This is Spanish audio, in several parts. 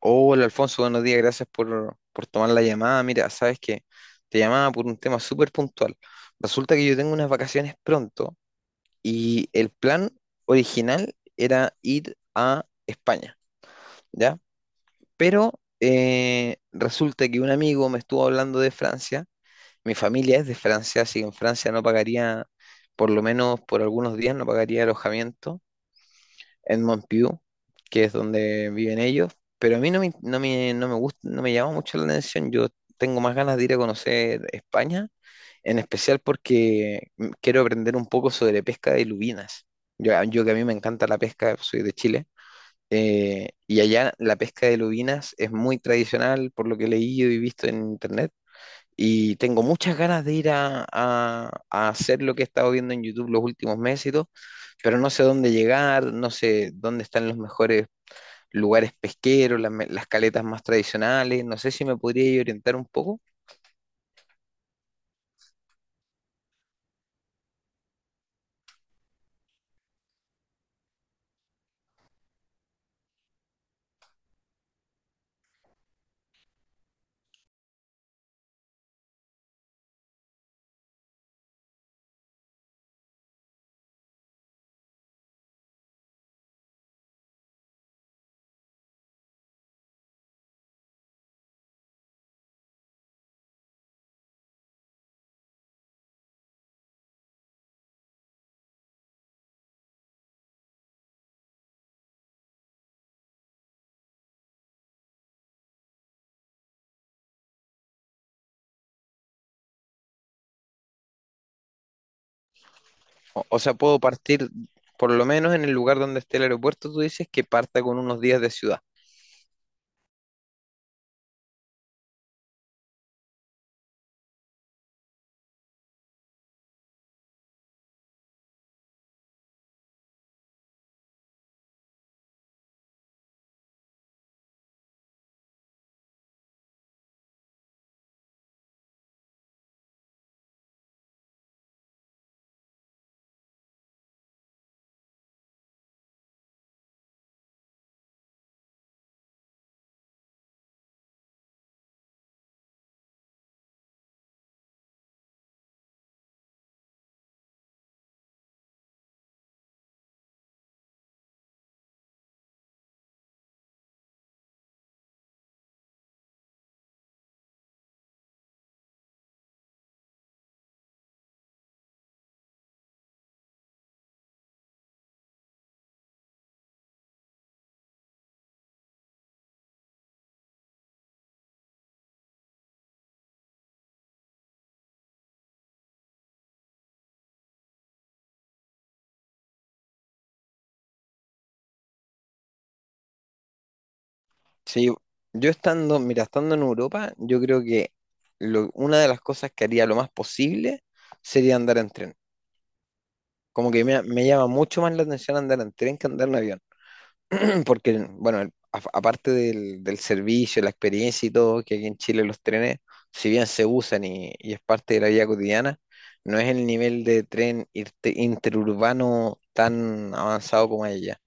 Hola Alfonso, buenos días, gracias por tomar la llamada. Mira, sabes que te llamaba por un tema súper puntual. Resulta que yo tengo unas vacaciones pronto y el plan original era ir a España, ¿ya? Pero resulta que un amigo me estuvo hablando de Francia, mi familia es de Francia, así que en Francia no pagaría, por lo menos por algunos días no pagaría alojamiento. Edmond Pugh, que es donde viven ellos, pero a mí no me gusta, no me llama mucho la atención. Yo tengo más ganas de ir a conocer España, en especial porque quiero aprender un poco sobre pesca de lubinas. Yo que a mí me encanta la pesca, soy de Chile, y allá la pesca de lubinas es muy tradicional por lo que he leído y visto en internet. Y tengo muchas ganas de ir a hacer lo que he estado viendo en YouTube los últimos meses y todo, pero no sé dónde llegar, no sé dónde están los mejores lugares pesqueros, las caletas más tradicionales, no sé si me podría orientar un poco. O sea, puedo partir, por lo menos en el lugar donde esté el aeropuerto, tú dices que parta con unos días de ciudad. Sí, yo estando, mira, estando en Europa, yo creo que una de las cosas que haría lo más posible sería andar en tren. Como que me llama mucho más la atención andar en tren que andar en avión. Porque, bueno, aparte del servicio, la experiencia y todo, que aquí en Chile los trenes, si bien se usan y es parte de la vida cotidiana, no es el nivel de tren interurbano tan avanzado como allá.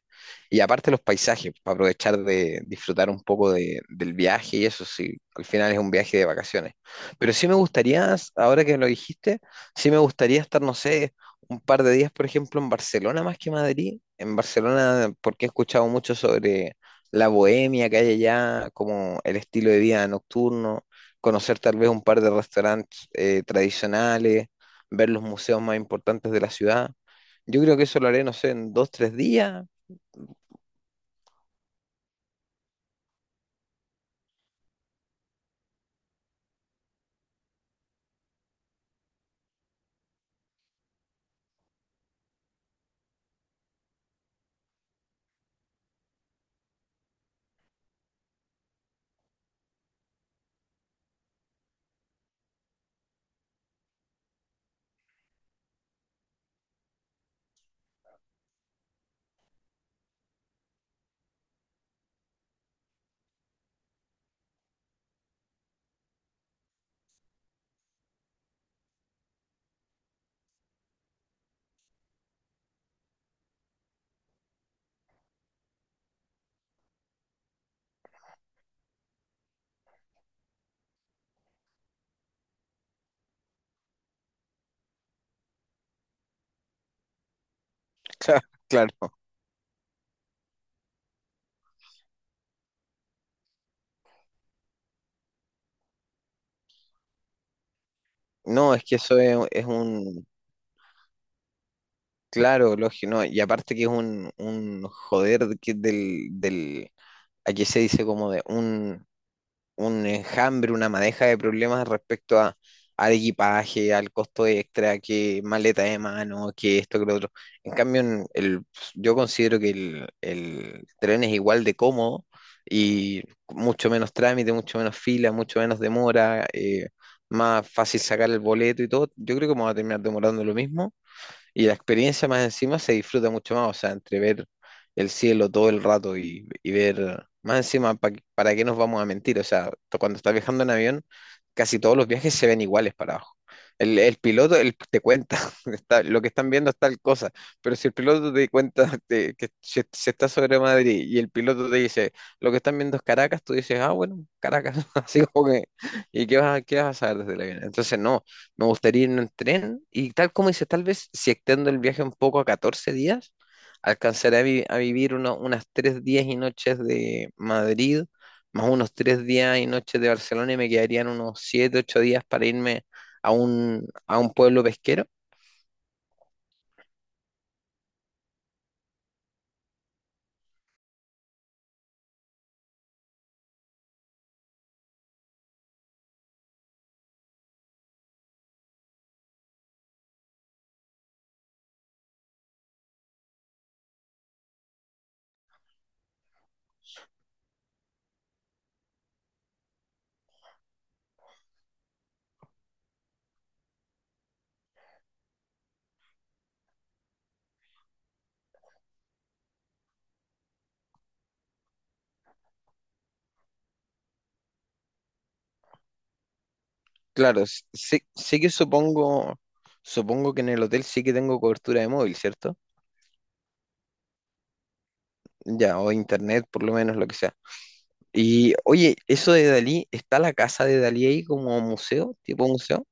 Y aparte los paisajes, para aprovechar de disfrutar un poco del viaje y eso, sí, al final es un viaje de vacaciones. Pero sí me gustaría, ahora que lo dijiste, sí me gustaría estar, no sé, un par de días, por ejemplo, en Barcelona más que Madrid. En Barcelona, porque he escuchado mucho sobre la bohemia que hay allá, como el estilo de vida nocturno, conocer tal vez un par de restaurantes tradicionales, ver los museos más importantes de la ciudad. Yo creo que eso lo haré, no sé, en 2, 3 días. Claro, claro. No, es que eso es, claro, lógico, no, y aparte que es un joder aquí se dice como de un enjambre, una madeja de problemas respecto a, al equipaje, al costo extra, que maleta de mano, que esto, que lo otro. En cambio, yo considero que el tren es igual de cómodo y mucho menos trámite, mucho menos fila, mucho menos demora, más fácil sacar el boleto y todo. Yo creo que vamos a terminar demorando lo mismo y la experiencia más encima se disfruta mucho más, o sea, entre ver el cielo todo el rato y ver más encima, ¿para qué nos vamos a mentir? O sea, cuando estás viajando en avión, casi todos los viajes se ven iguales para abajo. El piloto te cuenta, está, lo que están viendo es tal cosa, pero si el piloto te cuenta de que se está sobre Madrid y el piloto te dice, lo que están viendo es Caracas, tú dices, ah, bueno, Caracas, así como que, ¿y qué qué vas a saber desde el avión? Entonces, no, me gustaría ir en tren y tal como dices, tal vez si extendo el viaje un poco a 14 días, alcanzaré a, a vivir unas 3 días y noches de Madrid, más unos 3 días y noches de Barcelona y me quedarían unos 7 u 8 días para irme a un pueblo pesquero. Claro, sí, sí que supongo, supongo que en el hotel sí que tengo cobertura de móvil, ¿cierto? Ya, o internet, por lo menos lo que sea. Y oye, eso de Dalí, ¿está la casa de Dalí ahí como museo, tipo museo?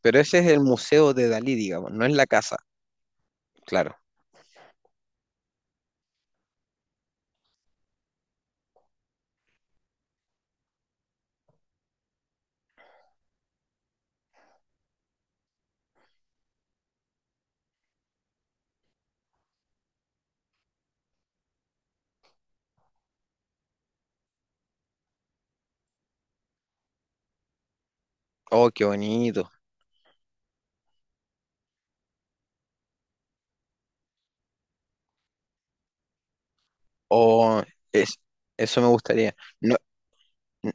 Pero ese es el museo de Dalí, digamos, no es la casa, claro. Oh, qué bonito. Oh, es, eso me gustaría. No, n-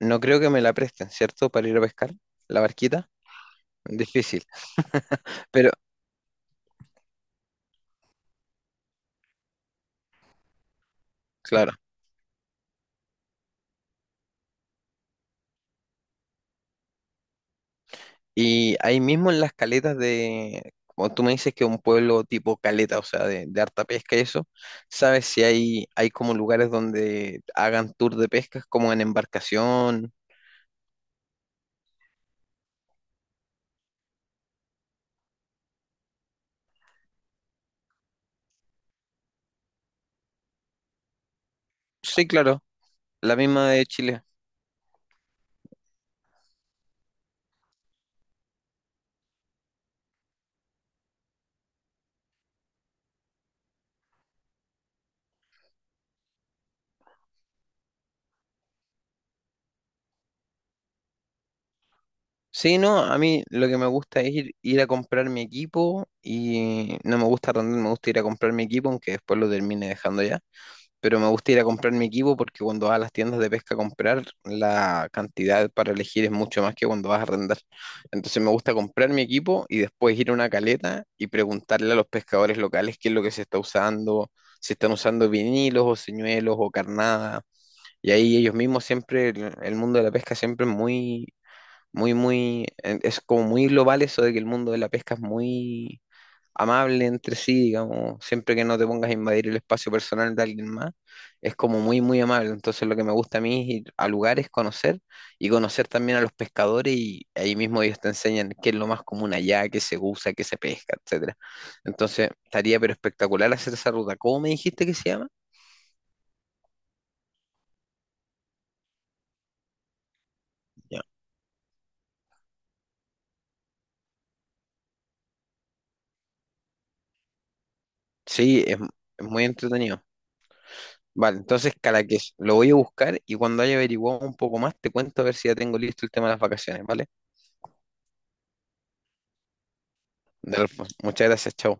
no creo que me la presten, ¿cierto? Para ir a pescar, la barquita. Difícil, pero claro. Y ahí mismo en las caletas de, como tú me dices que es un pueblo tipo caleta, o sea, de harta pesca y eso, ¿sabes si hay, hay como lugares donde hagan tour de pescas como en embarcación? Sí, claro, la misma de Chile. Sí, no, a mí lo que me gusta es ir, ir a comprar mi equipo y no me gusta arrendar, me gusta ir a comprar mi equipo, aunque después lo termine dejando ya. Pero me gusta ir a comprar mi equipo porque cuando vas a las tiendas de pesca a comprar, la cantidad para elegir es mucho más que cuando vas a arrendar. Entonces me gusta comprar mi equipo y después ir a una caleta y preguntarle a los pescadores locales qué es lo que se está usando, si están usando vinilos o señuelos o carnada. Y ahí ellos mismos siempre, el mundo de la pesca siempre es es como muy global eso de que el mundo de la pesca es muy amable entre sí, digamos, siempre que no te pongas a invadir el espacio personal de alguien más, es como muy, muy amable. Entonces lo que me gusta a mí es ir a lugares, conocer y conocer también a los pescadores y ahí mismo ellos te enseñan qué es lo más común allá, qué se usa, qué se pesca, etcétera. Entonces estaría pero espectacular hacer esa ruta. ¿Cómo me dijiste que se llama? Ya. Sí, es muy entretenido. Vale, entonces Cadaqués, lo voy a buscar y cuando haya averiguado un poco más te cuento a ver si ya tengo listo el tema de las vacaciones, ¿vale? Delfo, muchas gracias, chao.